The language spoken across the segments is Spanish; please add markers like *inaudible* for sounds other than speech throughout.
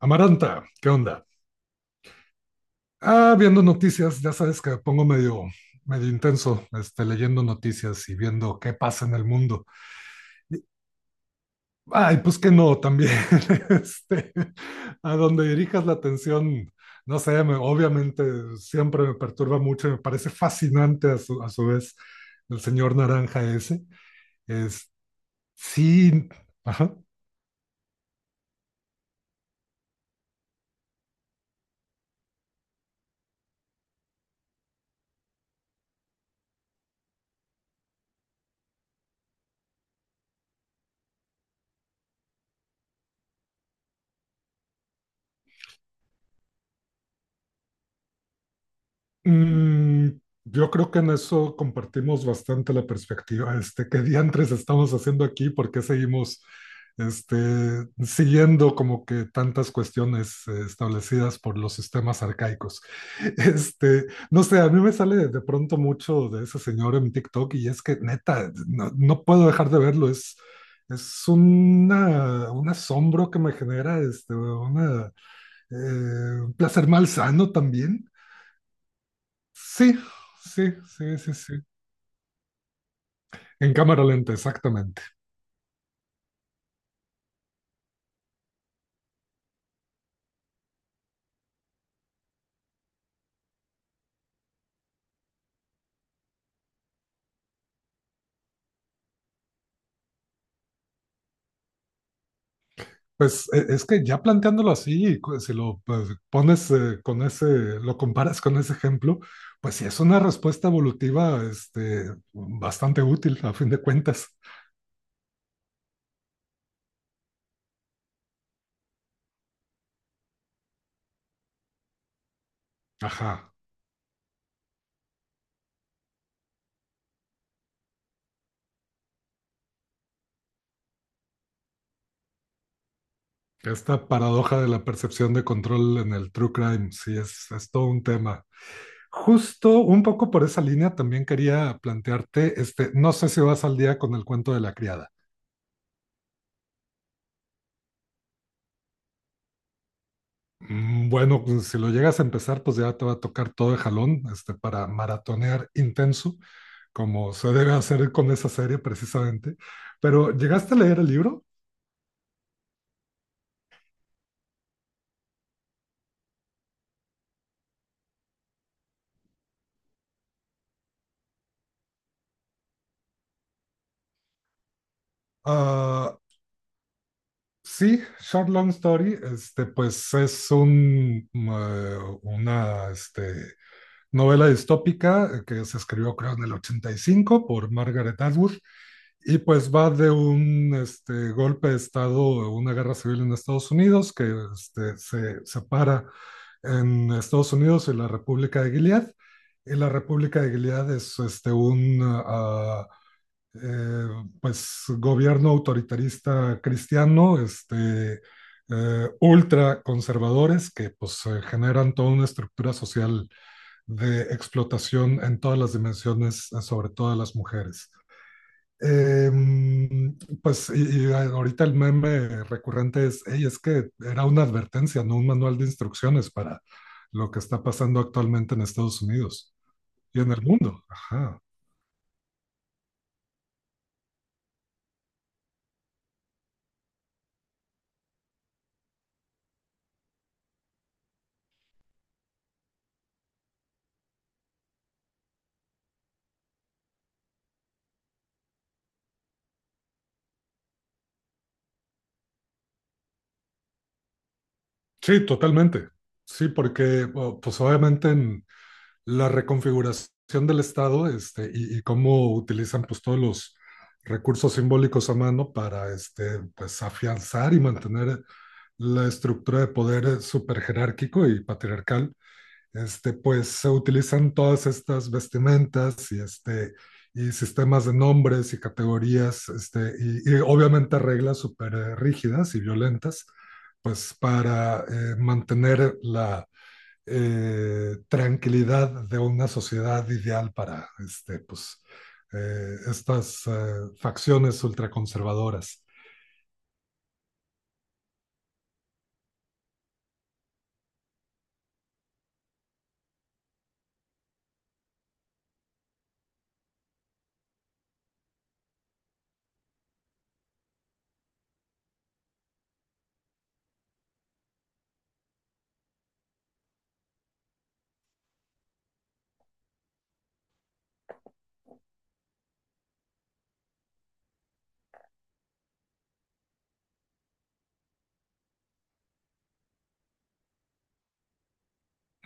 Amaranta, ¿qué onda? Ah, viendo noticias, ya sabes que me pongo medio intenso, leyendo noticias y viendo qué pasa en el mundo. Ay, pues que no, también, *laughs* este, a donde dirijas la atención, no sé, obviamente siempre me perturba mucho y me parece fascinante a su vez el señor naranja ese. Es, sí, ajá. Mm, yo creo que en eso compartimos bastante la perspectiva. ¿Qué diantres estamos haciendo aquí? ¿Por qué seguimos este, siguiendo como que tantas cuestiones establecidas por los sistemas arcaicos? *laughs* No sé, a mí me sale de pronto mucho de ese señor en TikTok y es que neta, no puedo dejar de verlo. Es un asombro que me genera, un placer malsano también. Sí, sí, sí, sí, sí. En cámara lenta, exactamente. Pues es que ya planteándolo así, si lo pones con ese, lo comparas con ese ejemplo, pues sí es una respuesta evolutiva, bastante útil a fin de cuentas. Ajá. Esta paradoja de la percepción de control en el true crime, sí, es todo un tema. Justo un poco por esa línea también quería plantearte, no sé si vas al día con el cuento de la criada. Mm, bueno, pues, si lo llegas a empezar, pues ya te va a tocar todo de jalón, para maratonear intenso, como se debe hacer con esa serie precisamente. Pero, ¿llegaste a leer el libro? Ah, sí, Short Long Story, pues es una, novela distópica que se escribió, creo, en el 85 por Margaret Atwood. Y pues va de un golpe de Estado, una guerra civil en Estados Unidos, que se separa en Estados Unidos y la República de Gilead. Y la República de Gilead es un eh, pues, gobierno autoritarista cristiano, ultra conservadores que pues, generan toda una estructura social de explotación en todas las dimensiones, sobre todo de las mujeres. Eh, pues y ahorita el meme recurrente es, "Ey, es que era una advertencia, no un manual de instrucciones para lo que está pasando actualmente en Estados Unidos y en el mundo". Ajá. Sí, totalmente. Sí, porque pues obviamente en la reconfiguración del Estado y cómo utilizan pues todos los recursos simbólicos a mano para pues afianzar y mantener la estructura de poder superjerárquico y patriarcal pues se utilizan todas estas vestimentas y sistemas de nombres y categorías, y obviamente reglas súper rígidas y violentas, pues para mantener la tranquilidad de una sociedad ideal para estas facciones ultraconservadoras.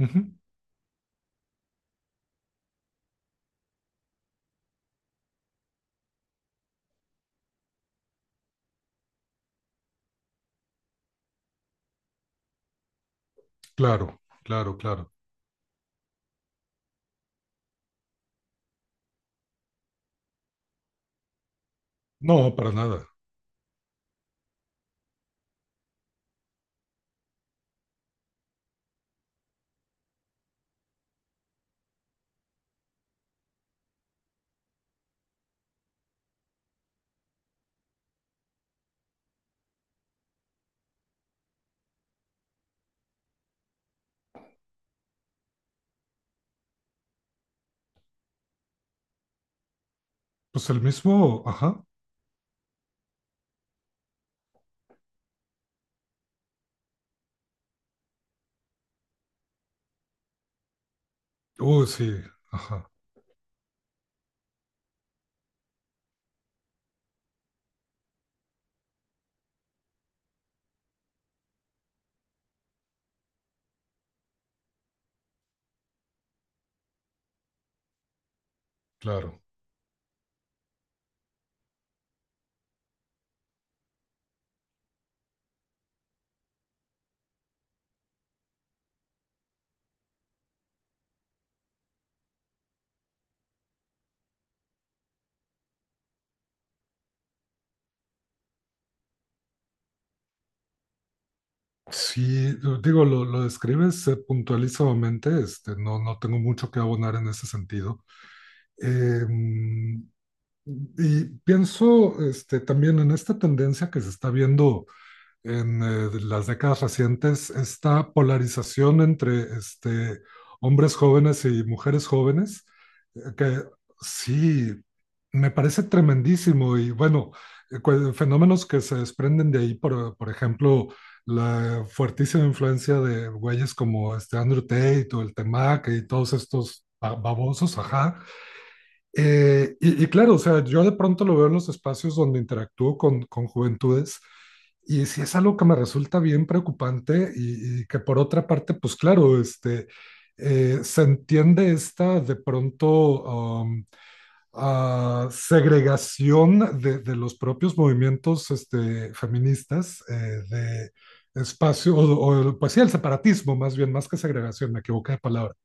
Uh -huh. Claro, claro, claro. No, para nada. Pues el mismo, ajá. Sí, ajá, claro. Sí, digo, lo describes puntualizadamente, no tengo mucho que abonar en ese sentido. Em, y pienso también en esta tendencia que se está viendo en las décadas recientes esta polarización entre hombres jóvenes y mujeres jóvenes, que sí, me parece tremendísimo y bueno, fenómenos que se desprenden de ahí, por ejemplo, la fuertísima influencia de güeyes como este Andrew Tate o el Temac y todos estos babosos, ajá, y claro, o sea, yo de pronto lo veo en los espacios donde interactúo con juventudes y sí es algo que me resulta bien preocupante y que por otra parte, pues claro, se entiende esta de pronto segregación de los propios movimientos feministas de espacio, o, pues sí, el separatismo más bien, más que segregación, me equivoqué de palabra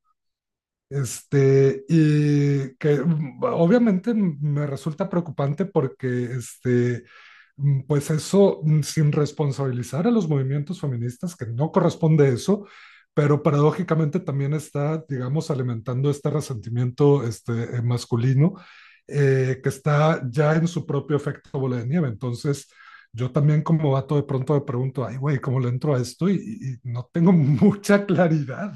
y que obviamente me resulta preocupante porque, este, pues eso, sin responsabilizar a los movimientos feministas, que no corresponde eso, pero paradójicamente también está, digamos, alimentando este resentimiento, masculino, que está ya en su propio efecto bola de nieve. Entonces, yo también como vato de pronto me pregunto, ay, güey, ¿cómo le entro a esto? Y no tengo *laughs* mucha claridad.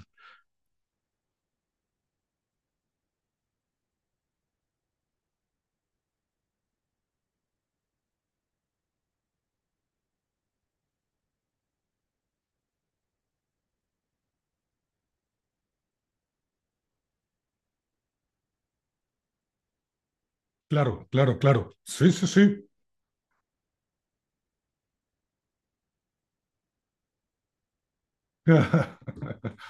Claro, claro, claro. Sí, sí, sí. *laughs*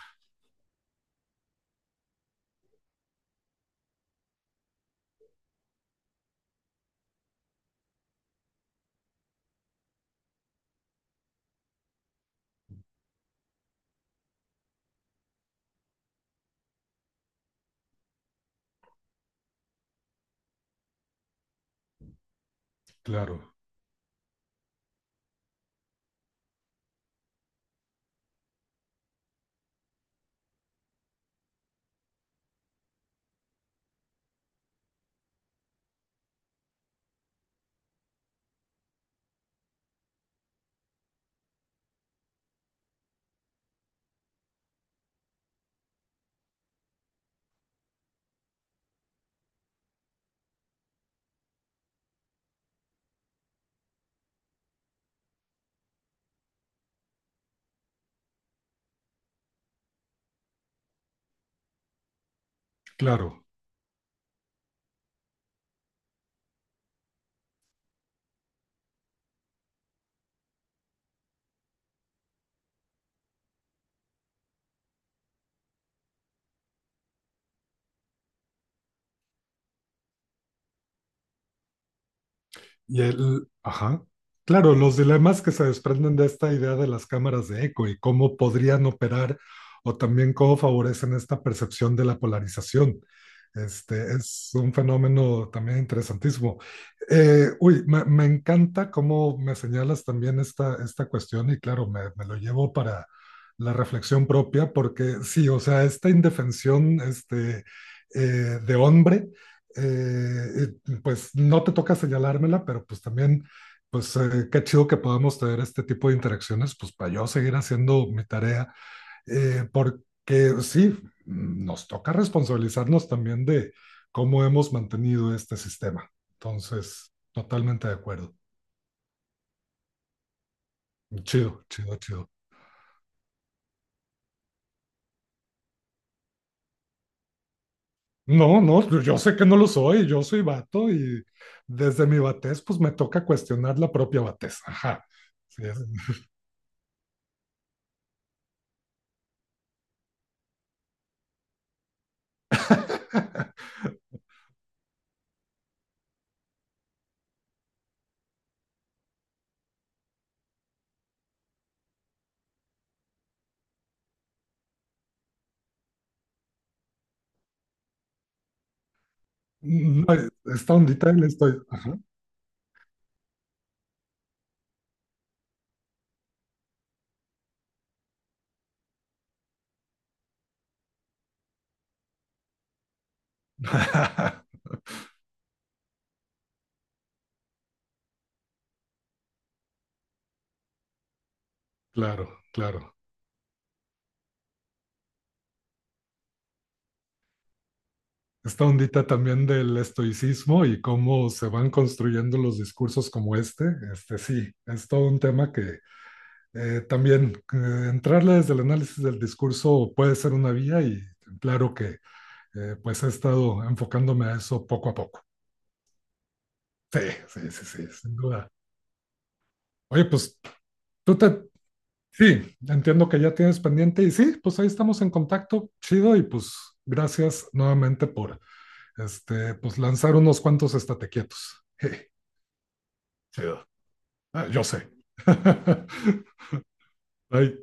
Claro, claro. Ajá. Claro, los dilemas que se desprenden de esta idea de las cámaras de eco y cómo podrían operar o también cómo favorecen esta percepción de la polarización. Este es un fenómeno también interesantísimo. Uy, me encanta cómo me señalas también esta cuestión y claro, me lo llevo para la reflexión propia porque sí, o sea, esta indefensión eh, de hombre eh, pues no te toca señalármela, pero pues también, pues qué chido que podamos tener este tipo de interacciones, pues para yo seguir haciendo mi tarea, porque sí, nos toca responsabilizarnos también de cómo hemos mantenido este sistema. Entonces, totalmente de acuerdo. Chido, chido, chido. No, no, yo sé que no lo soy, yo soy vato y desde mi vatez, pues me toca cuestionar la propia vatez. Ajá. Sí, *laughs* Mm, no, esta ondita del estoicismo. *laughs* Claro, claro. Esta ondita también del estoicismo y cómo se van construyendo los discursos como este, sí, es todo un tema que también entrarle desde el análisis del discurso puede ser una vía y claro que pues he estado enfocándome a eso poco a poco. Sí, sí, sí, sí, sin duda. Oye, pues, tú te sí, entiendo que ya tienes pendiente y sí, pues ahí estamos en contacto, chido, y pues gracias nuevamente por pues lanzar unos cuantos estate quietos. Hey, *laughs* chido. Ah, yo sé. *laughs* Bye.